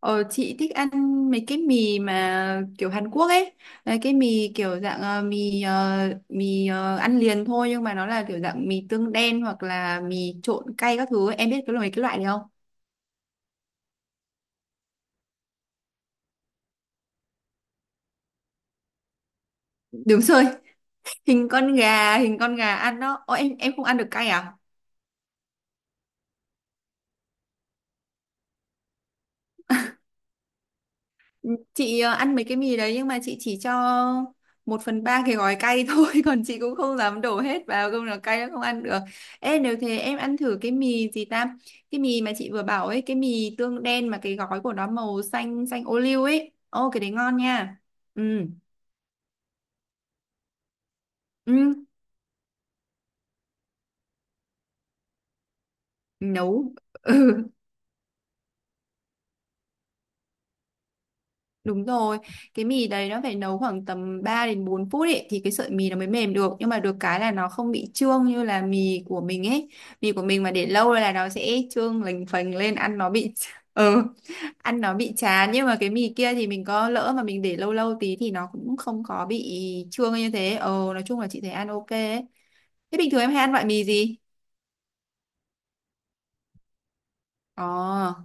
Ờ, chị thích ăn mấy cái mì mà kiểu Hàn Quốc ấy. Đấy, cái mì kiểu dạng mì ăn liền thôi nhưng mà nó là kiểu dạng mì tương đen hoặc là mì trộn cay các thứ ấy. Em biết cái loại này không? Đúng rồi, hình con gà ăn đó. Ồ, em không ăn được cay à? Ừ, chị ăn mấy cái mì đấy nhưng mà chị chỉ cho 1/3 cái gói cay thôi, còn chị cũng không dám đổ hết vào, không là cay nó không ăn được. Ê, nếu thế em ăn thử cái mì gì ta, cái mì mà chị vừa bảo ấy, cái mì tương đen mà cái gói của nó màu xanh xanh ô liu ấy. Ô, cái đấy ngon nha. Ừ. Ừ. Nấu. Đúng rồi, cái mì đấy nó phải nấu khoảng tầm 3 đến 4 phút ấy thì cái sợi mì nó mới mềm được, nhưng mà được cái là nó không bị trương như là mì của mình ấy. Mì của mình mà để lâu là nó sẽ trương lềnh phềnh lên, ăn nó bị ừ, ăn nó bị chán, nhưng mà cái mì kia thì mình có lỡ mà mình để lâu lâu tí thì nó cũng không có bị trương như thế. Ờ, nói chung là chị thấy ăn ok ấy. Thế bình thường em hay ăn loại mì gì? Ờ,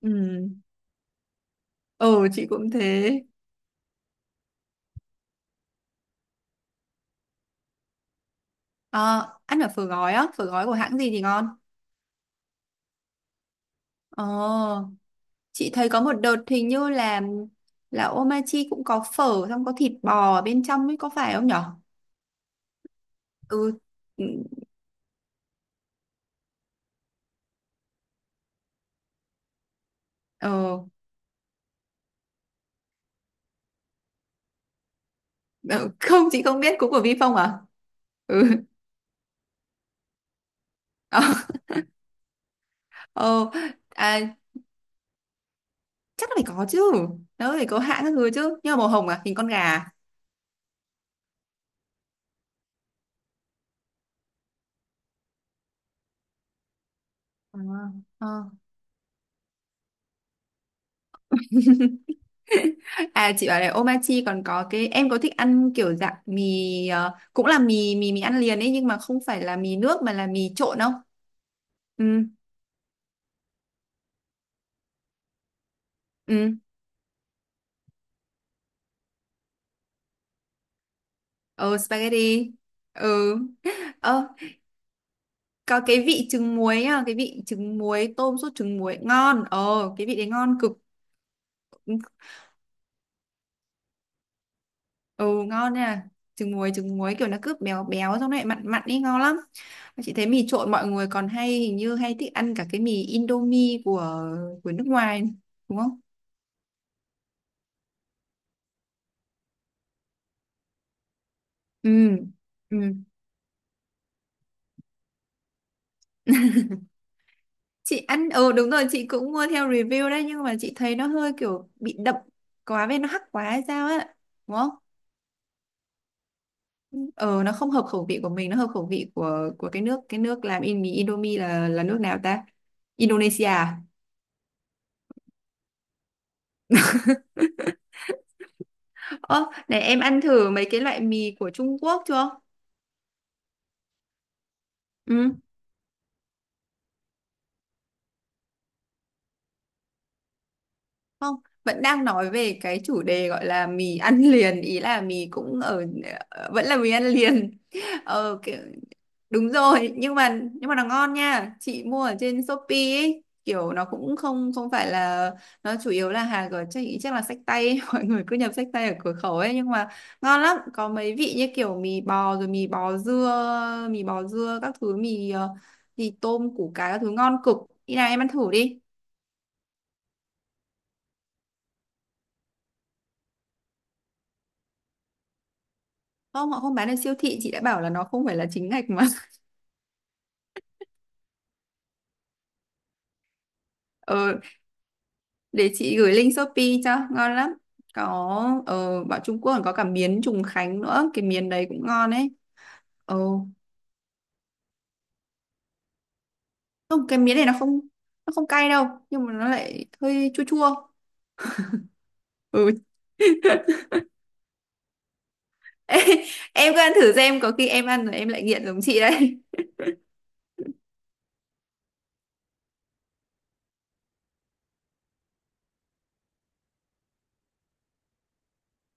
ừ. Ừ, chị cũng thế. Ờ, ăn ở phở gói á, phở gói của hãng gì thì ngon? Ờ. Chị thấy có một đợt hình như là Omachi cũng có phở, xong có thịt bò ở bên trong ấy, có phải không nhở? Ừ. Ừ. Ờ. Ờ, không chị không biết, cũng của Vifong à? Ừ. Ờ. Ờ. À, chắc là phải có chứ. Nó phải có hãng các thứ chứ. Nhưng mà màu hồng à, hình con gà, à? À. Ờ. À, chị bảo là Omachi còn có cái, em có thích ăn kiểu dạng mì cũng là mì mì mì ăn liền ấy nhưng mà không phải là mì nước mà là mì trộn không? Ừ. Ừ. Ờ, spaghetti. Ừ. Ờ, có cái vị trứng muối à, cái vị trứng muối tôm, sốt trứng muối ngon. Ờ cái vị đấy ngon cực. Ừ, ngon nha, trứng muối, trứng muối kiểu nó cứ béo béo xong lại mặn mặn ý, ngon lắm. Mà chị thấy mì trộn mọi người còn hay, hình như hay thích ăn cả cái mì Indomie của nước ngoài, đúng không? Ừ. Ừ. Chị ăn, đúng rồi, chị cũng mua theo review đấy nhưng mà chị thấy nó hơi kiểu bị đậm quá, với nó hắc quá hay sao á, đúng không? Ờ, nó không hợp khẩu vị của mình, nó hợp khẩu vị của cái nước làm in mì, Indomie là nước nào ta, Indonesia à? Ơ này, em ăn thử mấy cái loại mì của Trung Quốc chưa? Ừ. Không, vẫn đang nói về cái chủ đề gọi là mì ăn liền, ý là mì cũng ở, vẫn là mì ăn liền. Kiểu, đúng rồi, nhưng mà nó ngon nha, chị mua ở trên Shopee ấy, kiểu nó cũng không không phải là, nó chủ yếu là hàng của, chắc chắc là xách tay ấy. Mọi người cứ nhập xách tay ở cửa khẩu ấy, nhưng mà ngon lắm, có mấy vị như kiểu mì bò rồi mì bò dưa các thứ, mì tôm củ cải các thứ, ngon cực. Đi nào, em ăn thử đi. Không, họ không bán ở siêu thị, chị đã bảo là nó không phải là chính ngạch. ờ, để chị gửi link Shopee cho, ngon lắm. Có, bảo Trung Quốc còn có cả miến Trùng Khánh nữa, cái miến đấy cũng ngon ấy. Ờ, không, cái miến này nó không cay đâu nhưng mà nó lại hơi chua chua. Ừ. Ê, em cứ ăn thử xem, có khi em ăn rồi em lại nghiện giống chị đấy.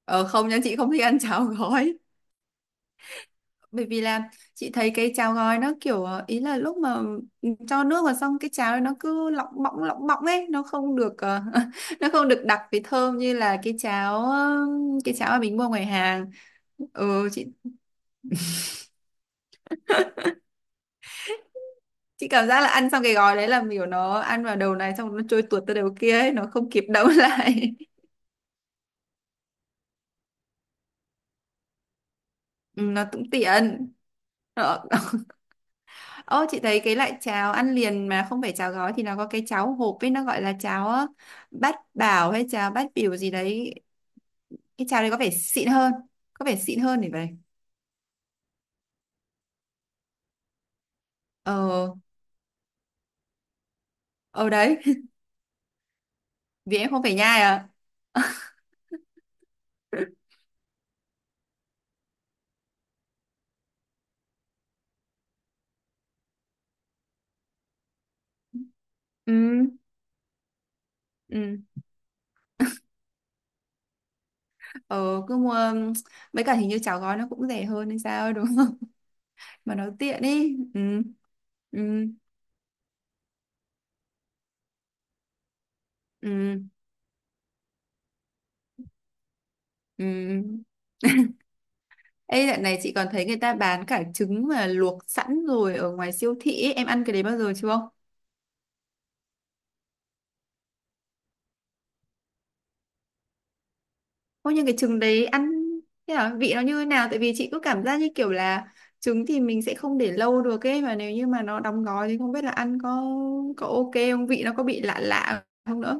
Ờ, không nha, chị không thích ăn cháo gói. Bởi vì là chị thấy cái cháo gói nó kiểu ý là lúc mà, cho nước vào xong cái cháo ấy nó cứ lỏng bọng ấy, nó không được nó không được đặc với thơm như là cái cháo mà mình mua ngoài hàng. Ừ, chị cảm giác là ăn xong cái gói đấy là kiểu nó ăn vào đầu này xong nó trôi tuột tới đầu kia ấy, nó không kịp đậu lại. Ừ, nó cũng tiện. Ờ. Ô, chị thấy cái loại cháo ăn liền mà không phải cháo gói thì nó có cái cháo hộp ấy, nó gọi là cháo bát bảo hay cháo bát biểu gì đấy, cái cháo đấy có vẻ xịn hơn, có vẻ xịn hơn để vậy. Ờ. Ờ đấy. Vì em không phải nhai à. Ừ. Ừ. Ờ, cứ mua, mấy cả hình như cháo gói nó cũng rẻ hơn hay sao ấy, đúng không? Mà nó tiện ý. Ừ. Ừ. Ừ. Ừ. Ê, dạo này chị còn thấy người ta bán cả trứng mà luộc sẵn rồi ở ngoài siêu thị ấy. Em ăn cái đấy bao giờ chưa? Ô, nhưng cái trứng đấy ăn thế nào, vị nó như thế nào, tại vì chị cứ cảm giác như kiểu là trứng thì mình sẽ không để lâu được ấy, mà nếu như mà nó đóng gói thì không biết là ăn có, ok không, vị nó có bị lạ lạ không nữa.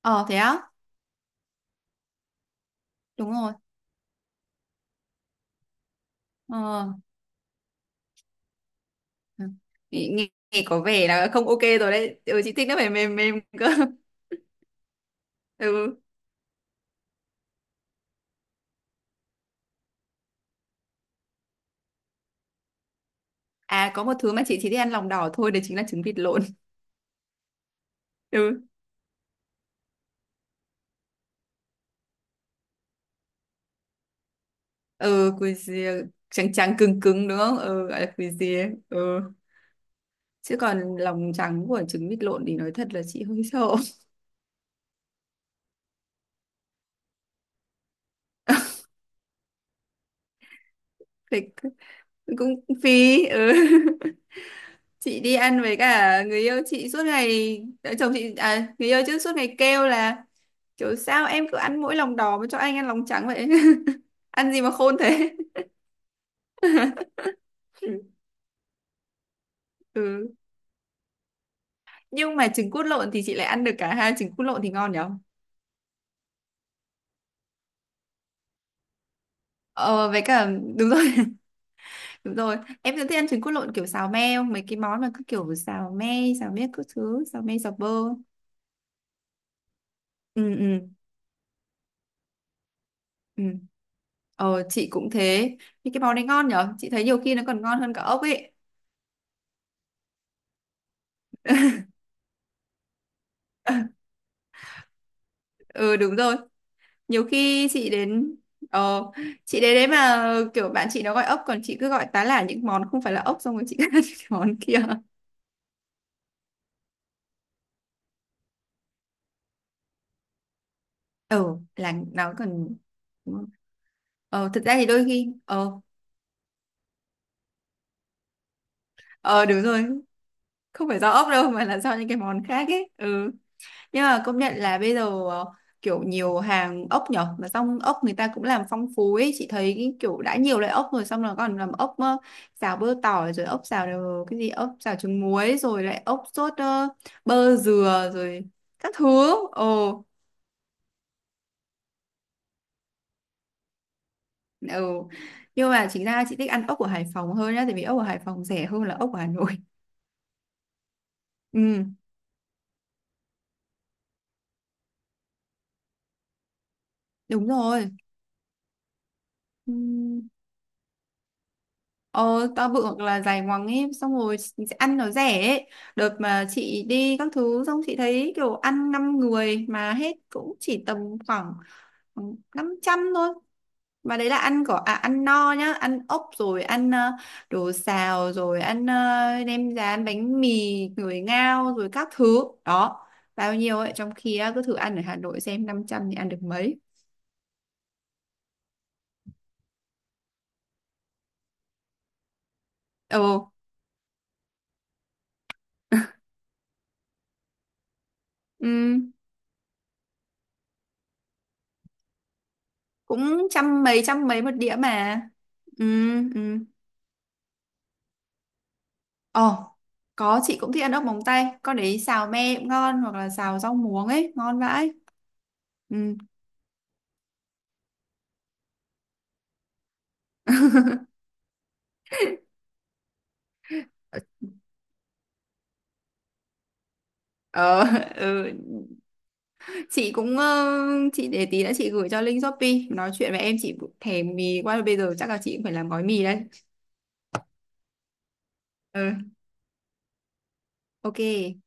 Ờ, thế á. Đúng rồi. Ờ. Ừ. nghe, nghe nghe có vẻ là không ok rồi đấy, ừ, chị thích nó phải mềm mềm cơ. Ừ. À, có một thứ mà chị chỉ thích ăn lòng đỏ thôi, đấy chính là trứng vịt lộn. Ừ. Ừ, quỳ gì, trắng trắng cứng cứng đúng không, ừ, gọi là quỳ gì. Ừ, chứ còn lòng trắng của trứng vịt lộn thì nói thật là chị hơi sợ. Thì cũng, cũng phí, ừ. Chị đi ăn với cả người yêu chị suốt ngày à, chồng chị à, người yêu chứ, suốt ngày kêu là kiểu sao em cứ ăn mỗi lòng đỏ mà cho anh ăn lòng trắng vậy. Ăn gì mà khôn thế. Ừ. Nhưng mà trứng cút lộn thì chị lại ăn được cả hai, trứng cút lộn thì ngon nhở. Ờ, với cả, đúng rồi. Đúng rồi, em cứ thích ăn trứng cút lộn kiểu xào me, không mấy cái món mà cứ kiểu xào me, xào me các thứ, xào me, xào bơ. Ừ. Ừ. Ừ. Ờ chị cũng thế. Thì cái món đấy ngon nhở, chị thấy nhiều khi nó còn ngon hơn cả ốc ấy. Ừ, đúng rồi. Nhiều khi chị đến, ờ, chị đến đấy mà kiểu bạn chị nó gọi ốc, còn chị cứ gọi tá là những món không phải là ốc, xong rồi chị cứ ăn cái món kia. Ừ, là nó còn. Ờ, thực ra thì đôi khi. Ờ. Ờ, đúng rồi, không phải do ốc đâu mà là do những cái món khác ấy. Ừ. Nhưng mà công nhận là bây giờ kiểu nhiều hàng ốc nhở, mà xong ốc người ta cũng làm phong phú ấy, chị thấy cái kiểu đã nhiều loại ốc rồi xong rồi còn làm ốc xào bơ tỏi rồi ốc xào cái gì, ốc xào trứng muối, rồi lại ốc sốt bơ dừa rồi các thứ. Ồ. Ừ. Nhưng mà chính ra chị thích ăn ốc của Hải Phòng hơn nhá, tại vì ốc của Hải Phòng rẻ hơn là ốc của Hà Nội. Ừ, đúng rồi. Ừ. Ờ, to bự hoặc là dài ngoằng ấy, xong rồi chị sẽ ăn nó rẻ ấy. Đợt mà chị đi các thứ xong chị thấy kiểu ăn 5 người mà hết cũng chỉ tầm khoảng 500 thôi, mà đấy là ăn cỏ à, ăn no nhá, ăn ốc rồi ăn đồ xào rồi ăn nem rán bánh mì người ngao rồi các thứ đó bao nhiêu ấy, trong khi á, cứ thử ăn ở Hà Nội xem, 500 thì ăn được mấy. Ồ. Ừ. Cũng trăm mấy một đĩa mà. Ừ. Ừ. Ờ, có, chị cũng thích ăn ốc móng tay, con đấy xào me cũng ngon hoặc là xào rau muống ấy, ngon vãi. Ừ. Ờ. Ừ. Chị cũng chị để tí nữa chị gửi cho link Shopee, nói chuyện với em chị thèm mì quá, bây giờ chắc là chị cũng phải làm gói mì đây. Ừ, ok.